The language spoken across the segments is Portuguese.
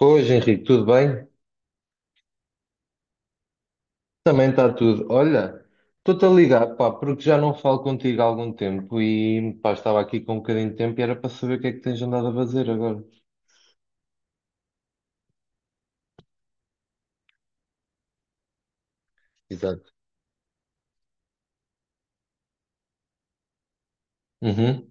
Hoje, Henrique, tudo bem? Também está tudo. Olha, estou-te a ligar, pá, porque já não falo contigo há algum tempo e, pá, estava aqui com um bocadinho de tempo e era para saber o que é que tens andado a fazer agora. Exato. Uhum.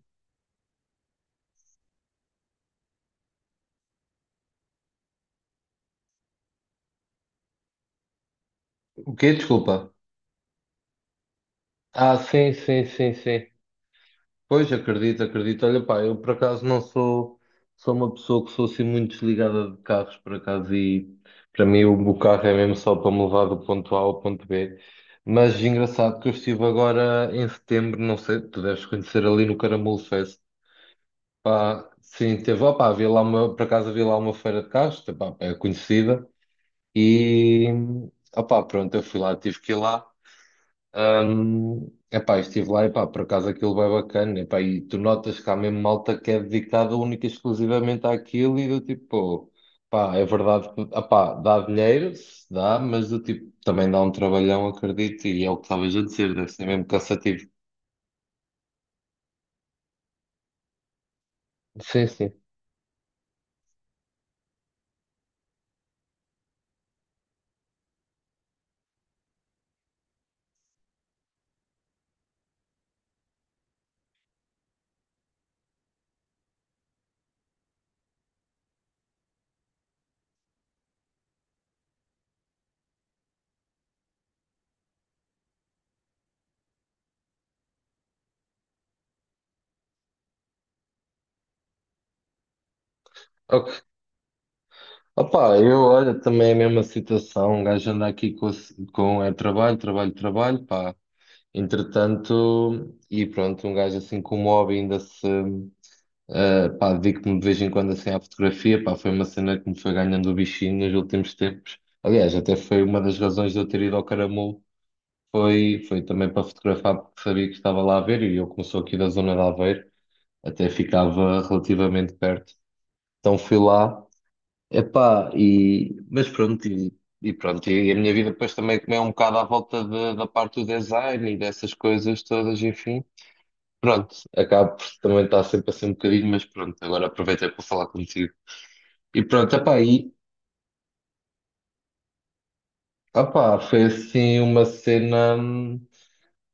O quê? Desculpa. Ah, sim, sim, sim, sim. Pois, acredito, acredito. Olha, pá, eu por acaso não sou, sou uma pessoa que sou assim muito desligada de carros, por acaso. E para mim o carro é mesmo só para me levar do ponto A ao ponto B. Mas engraçado que eu estive agora em setembro, não sei, tu deves conhecer ali no Caramulo Fest. Pá, sim, teve, opá, por acaso havia lá uma feira de carros, tá, pá, é conhecida, e opá, pronto, eu fui lá, tive que ir lá. Epá, estive lá, epá, por acaso aquilo vai bacana, epá, e tu notas que há mesmo malta que é dedicada única e exclusivamente àquilo. E do tipo, pá, é verdade que, epá, dá dinheiro, se dá, mas do tipo, também dá um trabalhão, acredito, e é o que estavas a dizer, deve ser mesmo cansativo. Sim, sim. Ok. Opá, eu olha, também é a mesma situação, um gajo anda aqui com, com é trabalho, trabalho, trabalho, pá. Entretanto, e pronto, um gajo assim com o hobby ainda se. Pá, dedico-me de vez em quando assim à fotografia, pá, foi uma cena que me foi ganhando o bichinho nos últimos tempos. Aliás, até foi uma das razões de eu ter ido ao Caramulo, foi também para fotografar, porque sabia que estava lá a ver, e eu como sou aqui da zona de Aveiro, até ficava relativamente perto. Então fui lá, epá, e, mas pronto, e pronto, e a minha vida depois também comeu um bocado à volta da parte do design e dessas coisas todas, enfim. Pronto, acabo por também estar sempre assim um bocadinho, mas pronto, agora aproveitei para falar contigo. E pronto, epá, e, opá, foi assim uma cena.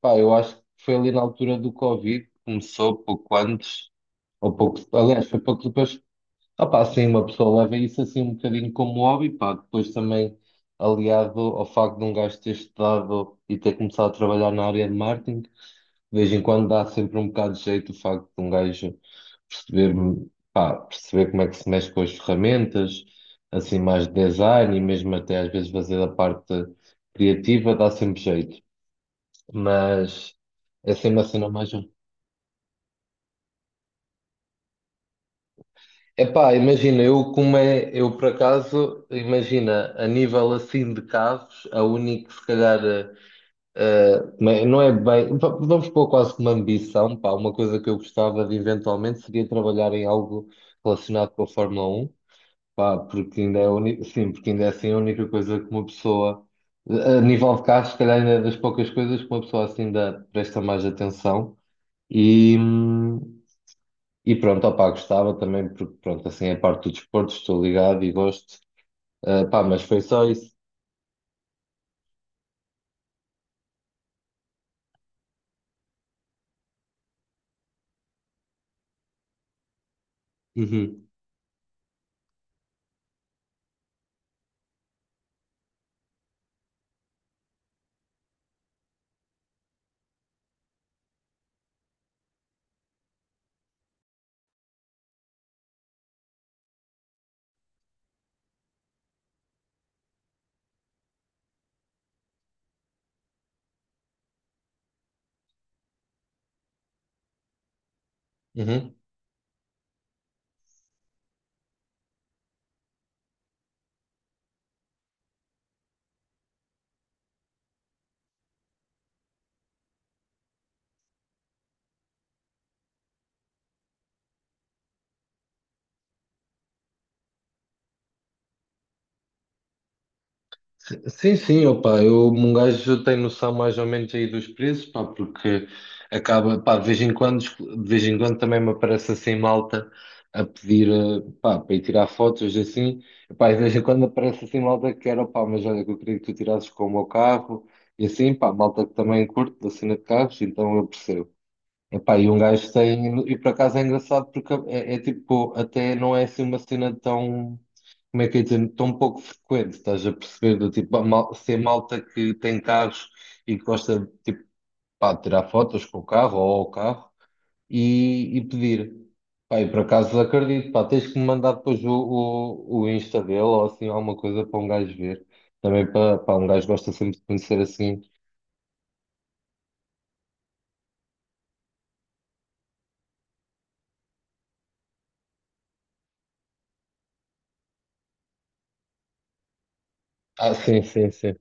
Pá, eu acho que foi ali na altura do Covid, que começou pouco antes, ou pouco. Aliás, foi pouco depois. Opá, assim, uma pessoa leva isso assim um bocadinho como hobby, pá, depois também aliado ao facto de um gajo ter estudado e ter começado a trabalhar na área de marketing. De vez em quando dá sempre um bocado de jeito o facto de um gajo ver, pá, perceber como é que se mexe com as ferramentas, assim mais de design, e mesmo até às vezes fazer a parte criativa dá sempre jeito, mas é sempre a cena mais. Epá, imagina, eu por acaso, imagina, a nível assim de carros, a única que se calhar, eh, não é bem, vamos pôr quase como ambição, pá, uma coisa que eu gostava de eventualmente seria trabalhar em algo relacionado com a Fórmula 1. Pá, porque ainda é assim a única coisa que uma pessoa, a nível de carros, se calhar ainda é das poucas coisas que uma pessoa assim ainda presta mais atenção e, hum, e pronto, opá, gostava também, porque pronto, assim é parte do desporto, estou ligado e gosto. Ah, pá, mas foi só isso. Uhum. Uhum. Sim, sim, opa, eu, um gajo tem noção mais ou menos aí dos preços, pá, porque acaba, pá, de vez em quando também me aparece assim malta a pedir, pá, para ir tirar fotos assim, pá, e de vez em quando aparece assim malta que era, pá, mas olha, que eu queria que tu tirasses com o meu carro, e assim, pá, malta que também curte da cena de carros, então eu percebo. Epá, e um gajo tem. E por acaso é engraçado porque é tipo, até não é assim uma cena tão. Como é que é dizer? Tão pouco frequente, estás a perceber? Do tipo, se é malta que tem carros e que gosta de tipo, pá, de tirar fotos com o carro ou ao carro e pedir. Pá, e por acaso acredito, pá, tens que me mandar depois o Insta dele ou assim alguma coisa para um gajo ver. Também para, pá, um gajo gosta sempre de conhecer assim. Ah, sim, sim, sim.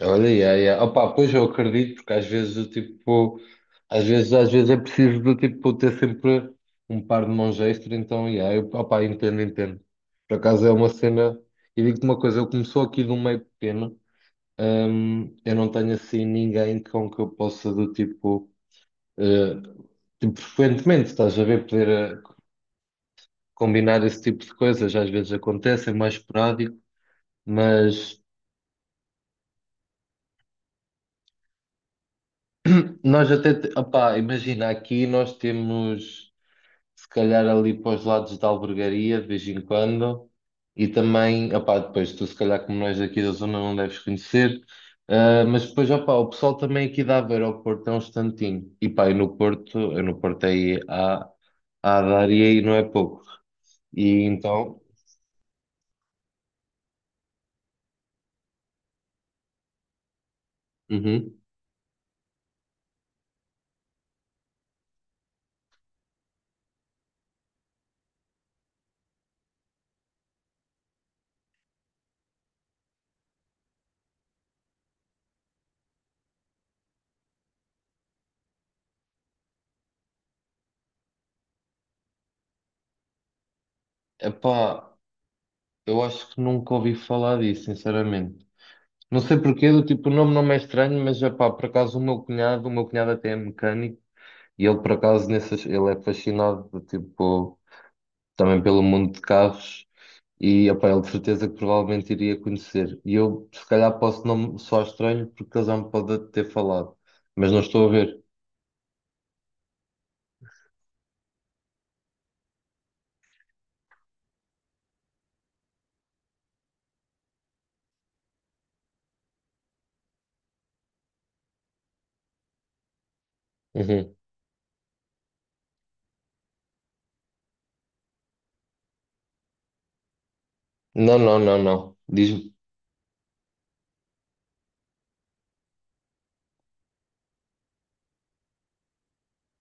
Olha, yeah, yeah. Opa, pois eu acredito, porque às vezes é preciso do tipo ter sempre um par de mãos extra. Então yeah, eu, opa, entendo, entendo. Por acaso é uma cena, e digo-te uma coisa, eu começou aqui de um meio pequeno, eu não tenho assim ninguém com que eu possa do tipo, eh, tipo, frequentemente, estás a ver, poder eh, combinar esse tipo de coisas. Às vezes acontece, é mais esporádico, mas opá, imagina, aqui nós temos. Se calhar ali para os lados da Albergaria, de vez em quando, e também, opá, depois tu se calhar como nós aqui da zona não deves conhecer. Ah, mas depois, opá, o pessoal também aqui da Aveiro ao Porto é um instantinho, e pá, e no Porto, eu no Porto aí há, há a dar e aí não é pouco, e então, uhum. Epá, eu acho que nunca ouvi falar disso, sinceramente. Não sei porquê, do tipo, o nome não me é estranho, mas epá, por acaso o meu cunhado até é mecânico. E ele, por acaso, nessas, ele é fascinado, tipo, também pelo mundo de carros. E, opá, ele de certeza que provavelmente iria conhecer. E eu, se calhar, posso não me soar estranho porque ele já me pode ter falado. Mas não estou a ver. Uhum. Não, não, não, não. Diz-me.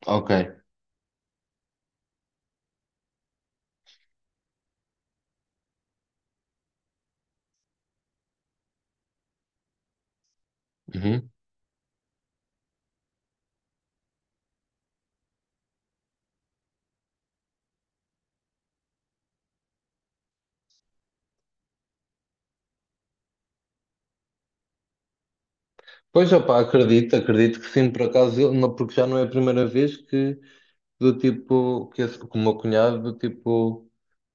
Ok. Uhum. Pois, opá, acredito, acredito que sim, por acaso, porque já não é a primeira vez que do tipo, que, esse, que o meu cunhado, do tipo,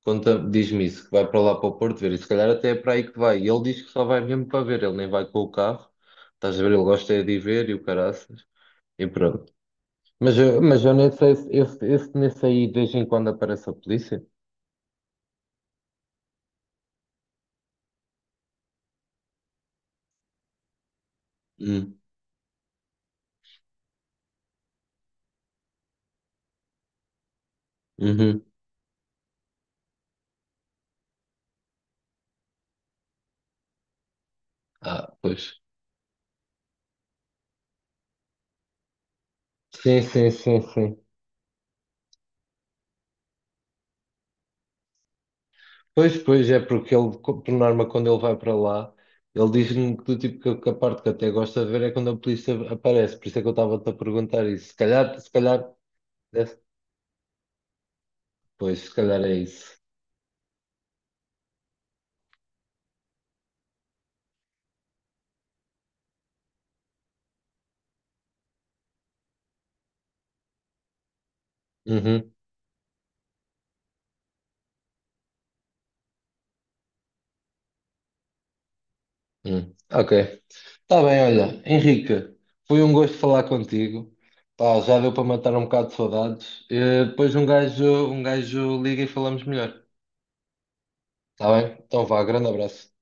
conta, diz-me isso, que vai para lá para o Porto ver, e se calhar até é para aí que vai. E ele diz que só vai mesmo para ver, ele nem vai com o carro, estás a ver, ele gosta é de ir ver e o caraças, e pronto. Mas eu nem sei se esse nesse aí de vez em quando aparece a polícia. Hum. Uhum. Ah, pois. Sim, sim, sim, sim. Pois, pois, é porque ele, por norma, quando ele vai para lá, ele diz-me que a parte que até gosta de ver é quando a polícia aparece, por isso é que eu estava-te a perguntar isso. Se calhar, se calhar, é- pois, se calhar é isso. Uhum, uhum. Ok. Está bem, olha, Henrique, foi um gosto falar contigo. Pá, já deu para matar um bocado de saudades. Eh, depois um gajo liga e falamos melhor. Está bem? Então vá, grande abraço.